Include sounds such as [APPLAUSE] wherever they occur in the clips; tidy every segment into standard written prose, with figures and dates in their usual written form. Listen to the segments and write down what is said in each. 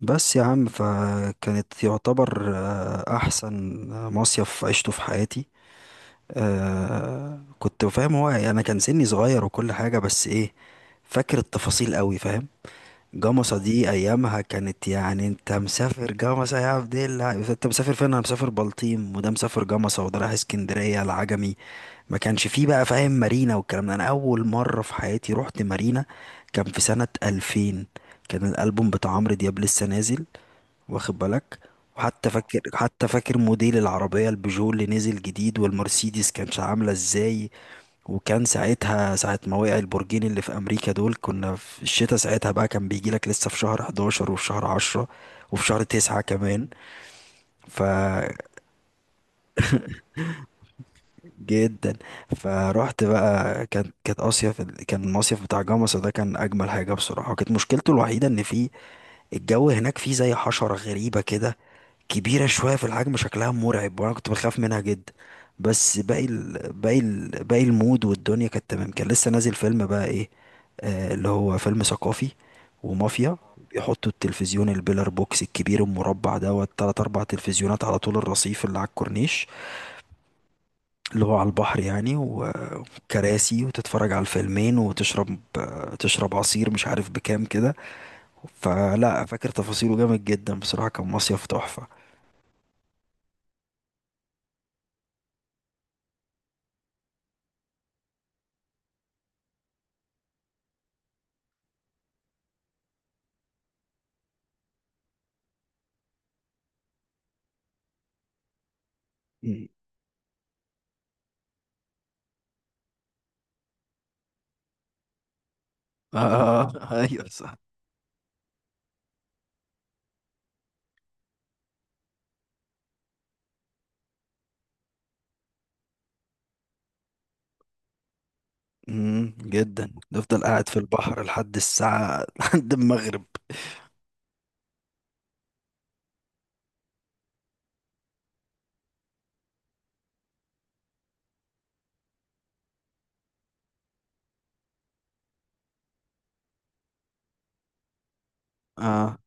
بس يا عم فكانت يعتبر احسن مصيف عشته في حياتي. كنت فاهم هو، يعني انا كان سني صغير وكل حاجة، بس ايه فاكر التفاصيل قوي، فاهم؟ جمصة دي ايامها كانت يعني انت مسافر جمصة يا عبد الله، انت مسافر فين؟ انا مسافر بلطيم، وده مسافر جمصة، وده رايح اسكندرية العجمي. ما كانش فيه بقى، فاهم، مارينا والكلام ده. انا اول مره في حياتي رحت مارينا كان في سنه 2000. كان الالبوم بتاع عمرو دياب لسه نازل، واخد بالك؟ وحتى فاكر، حتى فاكر موديل العربيه البيجو اللي نزل جديد والمرسيدس كانت عامله ازاي. وكان ساعتها، ساعة ما وقع البرجين اللي في أمريكا دول، كنا في الشتاء ساعتها بقى. كان بيجي لك لسه في شهر 11 وفي شهر 10 وفي شهر 9 كمان. ف جدا. فروحت بقى، كانت اصيف، كان المصيف بتاع جمصة ده كان اجمل حاجه بصراحه. وكانت مشكلته الوحيده ان فيه الجو هناك، فيه زي حشره غريبه كده، كبيره شويه في الحجم، شكلها مرعب، وانا كنت بخاف منها جدا. بس باقي المود والدنيا كانت تمام. كان لسه نازل فيلم بقى ايه، اللي هو فيلم ثقافي، ومافيا. بيحطوا التلفزيون البيلر بوكس الكبير المربع دوت، تلات أربع تلفزيونات على طول الرصيف اللي على الكورنيش، اللي هو على البحر يعني، وكراسي، وتتفرج على الفيلمين، وتشرب. تشرب عصير مش عارف بكام كده. فلا، فاكر تفاصيله جامد جدا بصراحة، كان مصيف تحفة. مم. آه، [LAUGHS] أيوه صح. امم، جدا نفضل قاعد في البحر لحد الساعة [LAUGHS] لحد المغرب. آه.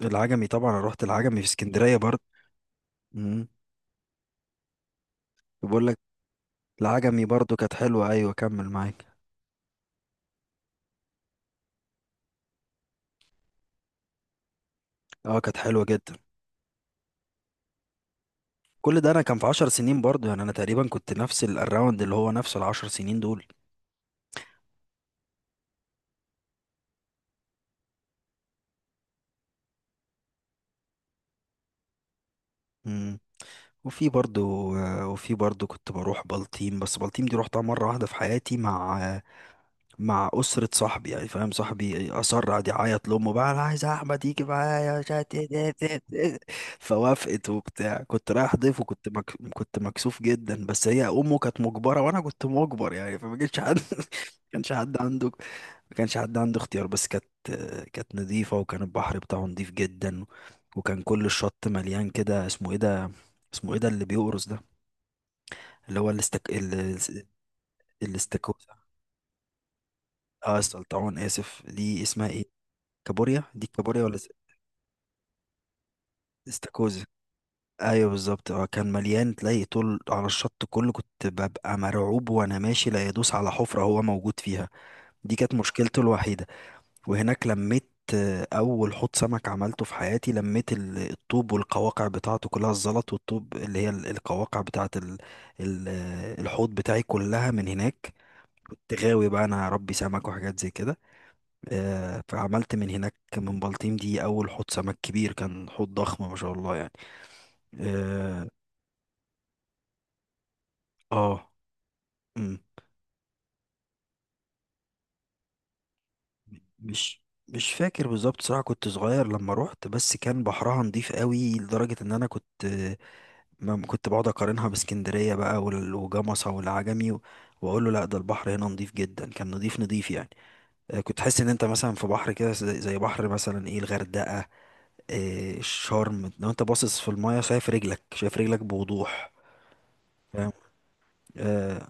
العجمي طبعا، أنا رحت العجمي في اسكندرية برضه. امم. بقول لك، العجمي برضه كانت حلوة، ايوه كمل معاك. اه كانت حلوة جدا. كل ده انا كان في 10 سنين برضو، يعني انا تقريبا كنت نفس الراوند اللي هو نفسه ال 10 سنين دول. مم. وفي برضو، وفي برضو كنت بروح بلطيم. بس بلطيم دي روحتها مرة واحدة في حياتي، مع مع أسرة صاحبي. يعني فاهم، صاحبي أصر قعد يعيط لأمه بقى، أنا عايز أحمد يجي معايا، مش عارف إيه إيه إيه إيه. [LAUGHS] فوافقت وبتاع. كنت رايح ضيف وكنت كنت مكسوف جدا، بس هي أمه كانت مجبرة وأنا كنت مجبر، يعني فما كانش حد [LAUGHS] ما كانش حد عنده، ما كانش حد عنده اختيار. بس كانت، كانت نظيفة، وكان البحر بتاعه نظيف جدا. وكان كل الشط مليان كده، اسمه ايه ده، اسمه ايه ده اللي بيقرص ده، اللي هو الاستك الاستاكوزا. اه السلطعون، اسف، دي اسمها ايه، كابوريا؟ دي كابوريا ولا استاكوزا؟ ايوه بالظبط. اه كان مليان، تلاقي طول على الشط كله. كنت ببقى مرعوب وانا ماشي لا يدوس على حفرة هو موجود فيها. دي كانت مشكلته الوحيدة. وهناك لميت أول حوض سمك عملته في حياتي. لميت الطوب والقواقع بتاعته كلها، الزلط والطوب اللي هي القواقع بتاعة الحوض بتاعي، كلها من هناك. كنت غاوي بقى أنا ربي سمك وحاجات زي كده. فعملت من هناك من بلطيم دي أول حوض سمك كبير، كان حوض ضخم ما شاء الله يعني. اه. آه، مم. مش مش فاكر بالظبط صراحة، كنت صغير لما روحت. بس كان بحرها نضيف قوي، لدرجة ان انا كنت ما كنت بقعد اقارنها باسكندريه بقى وجمصه والعجمي واقول له لا، ده البحر هنا نضيف جدا، كان نضيف نضيف يعني. كنت حاسس ان انت مثلا في بحر كده زي بحر مثلا ايه، الغردقه، الشرم. لو انت باصص في المايه، شايف رجلك، شايف رجلك بوضوح، فاهم؟ آه.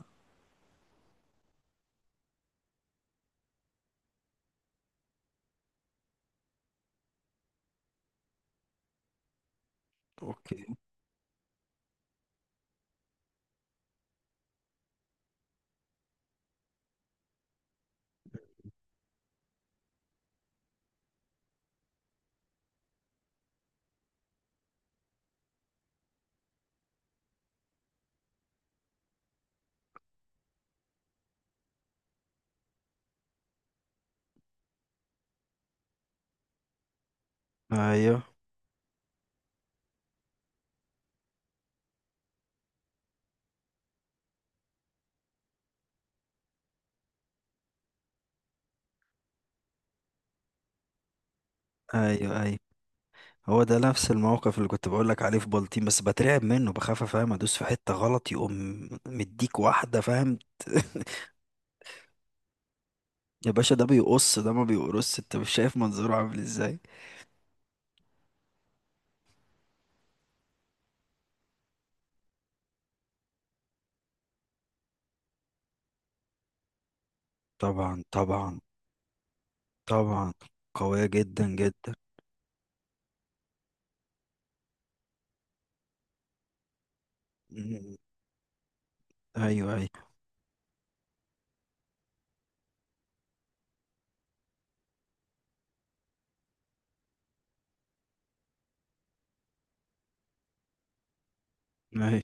اوكي. ايوه ايوه ايوه، هو ده نفس الموقف اللي كنت بقول لك عليه في بلطيم، بس بترعب منه، بخاف فاهم ادوس في حته غلط يقوم مديك واحده فاهم. [LAUGHS] يا باشا ده بيقص ده، ما بيقرص، انت مش شايف منظره عامل ازاي. طبعا طبعا. طبعا قوية جدا جدا. مم. ايوه ايوه ايوه.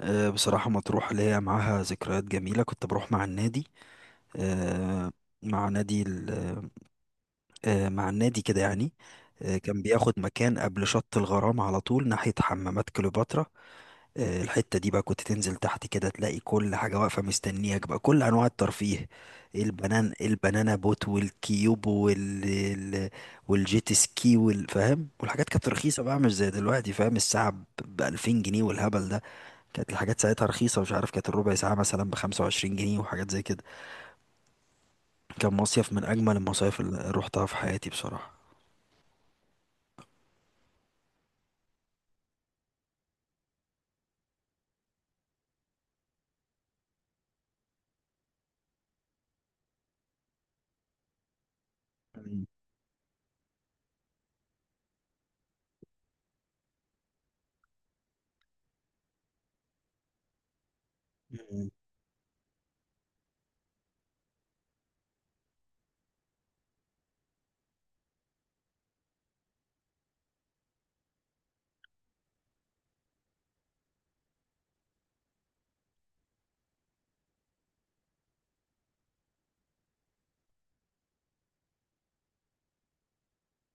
أه بصراحة مطروح ليا معاها ذكريات جميلة، كنت بروح مع النادي. أه مع نادي ال- أه مع النادي كده يعني. أه كان بياخد مكان قبل شط الغرام على طول، ناحية حمامات كليوباترا. الحتة دي بقى كنت تنزل تحت كده تلاقي كل حاجة واقفة مستنياك بقى، كل أنواع الترفيه. البنان، البنانا بوت، والكيوب، والجيت سكي والفاهم. والحاجات كانت رخيصة بقى، مش زي دلوقتي فاهم. الساعة ب 2000 جنيه والهبل ده. كانت الحاجات ساعتها رخيصة، مش عارف، كانت الربع ساعة مثلا ب 25 جنيه وحاجات زي كده. كان مصيف من أجمل المصايف اللي روحتها في حياتي بصراحة. مم. مم.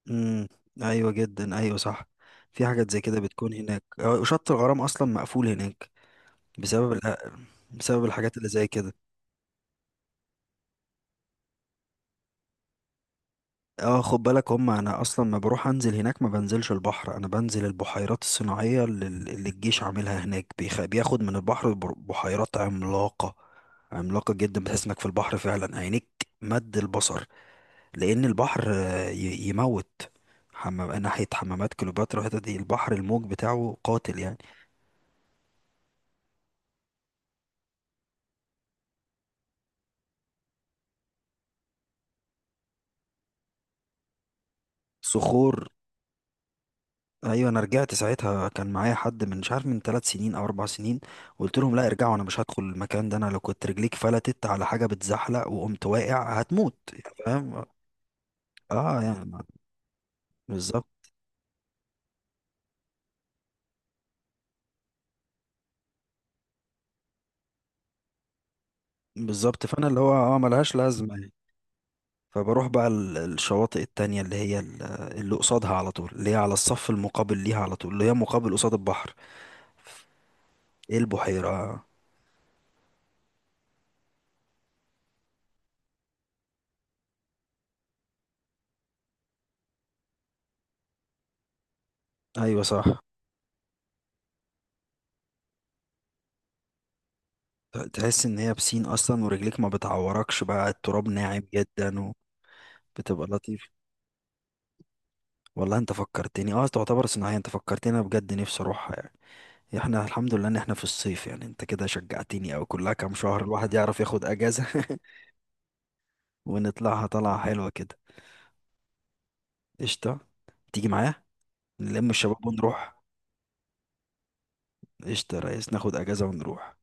مم. أيوة جدا، أيوة صح. في حاجات زي كده بتكون هناك. وشط الغرام أصلا مقفول هناك بسبب الأ- بسبب الحاجات اللي زي كده. اه خد بالك، هم انا اصلا ما بروح انزل هناك، ما بنزلش البحر، انا بنزل البحيرات الصناعيه اللي, اللي الجيش عاملها هناك. بياخد من البحر بحيرات عملاقه، عملاقه جدا. بتحس انك في البحر فعلا، عينيك مد البصر. لان البحر يموت. حمام، ناحيه حمامات كليوباترا الحتة دي، البحر الموج بتاعه قاتل يعني. صخور. ايوه انا رجعت ساعتها، كان معايا حد من مش عارف من 3 سنين او 4 سنين. قلت لهم لا ارجعوا، انا مش هدخل المكان ده، انا لو كنت رجليك فلتت على حاجه بتزحلق وقمت واقع هتموت يعني فاهم. اه يعني، بالظبط. بالظبط. فانا اللي هو اه ملهاش لازمه يعني. فبروح بقى الشواطئ التانية اللي هي اللي قصادها على طول، اللي هي على الصف المقابل ليها على طول، اللي هي مقابل قصاد البحر. ايه، البحيرة؟ ايوه صح. تحس ان هي بسين اصلا، ورجليك ما بتعوركش بقى، التراب ناعم جدا وبتبقى لطيف. والله انت فكرتني، اه تعتبر صناعية. انت فكرتني، انا بجد نفسي اروحها يعني. احنا الحمد لله ان احنا في الصيف يعني، انت كده شجعتني، او كلها كام شهر الواحد يعرف ياخد اجازة. [LAUGHS] ونطلعها طلعة حلوة كده. قشطة، تيجي معايا نلم الشباب ونروح. قشطة يا ريس، ناخد اجازة ونروح.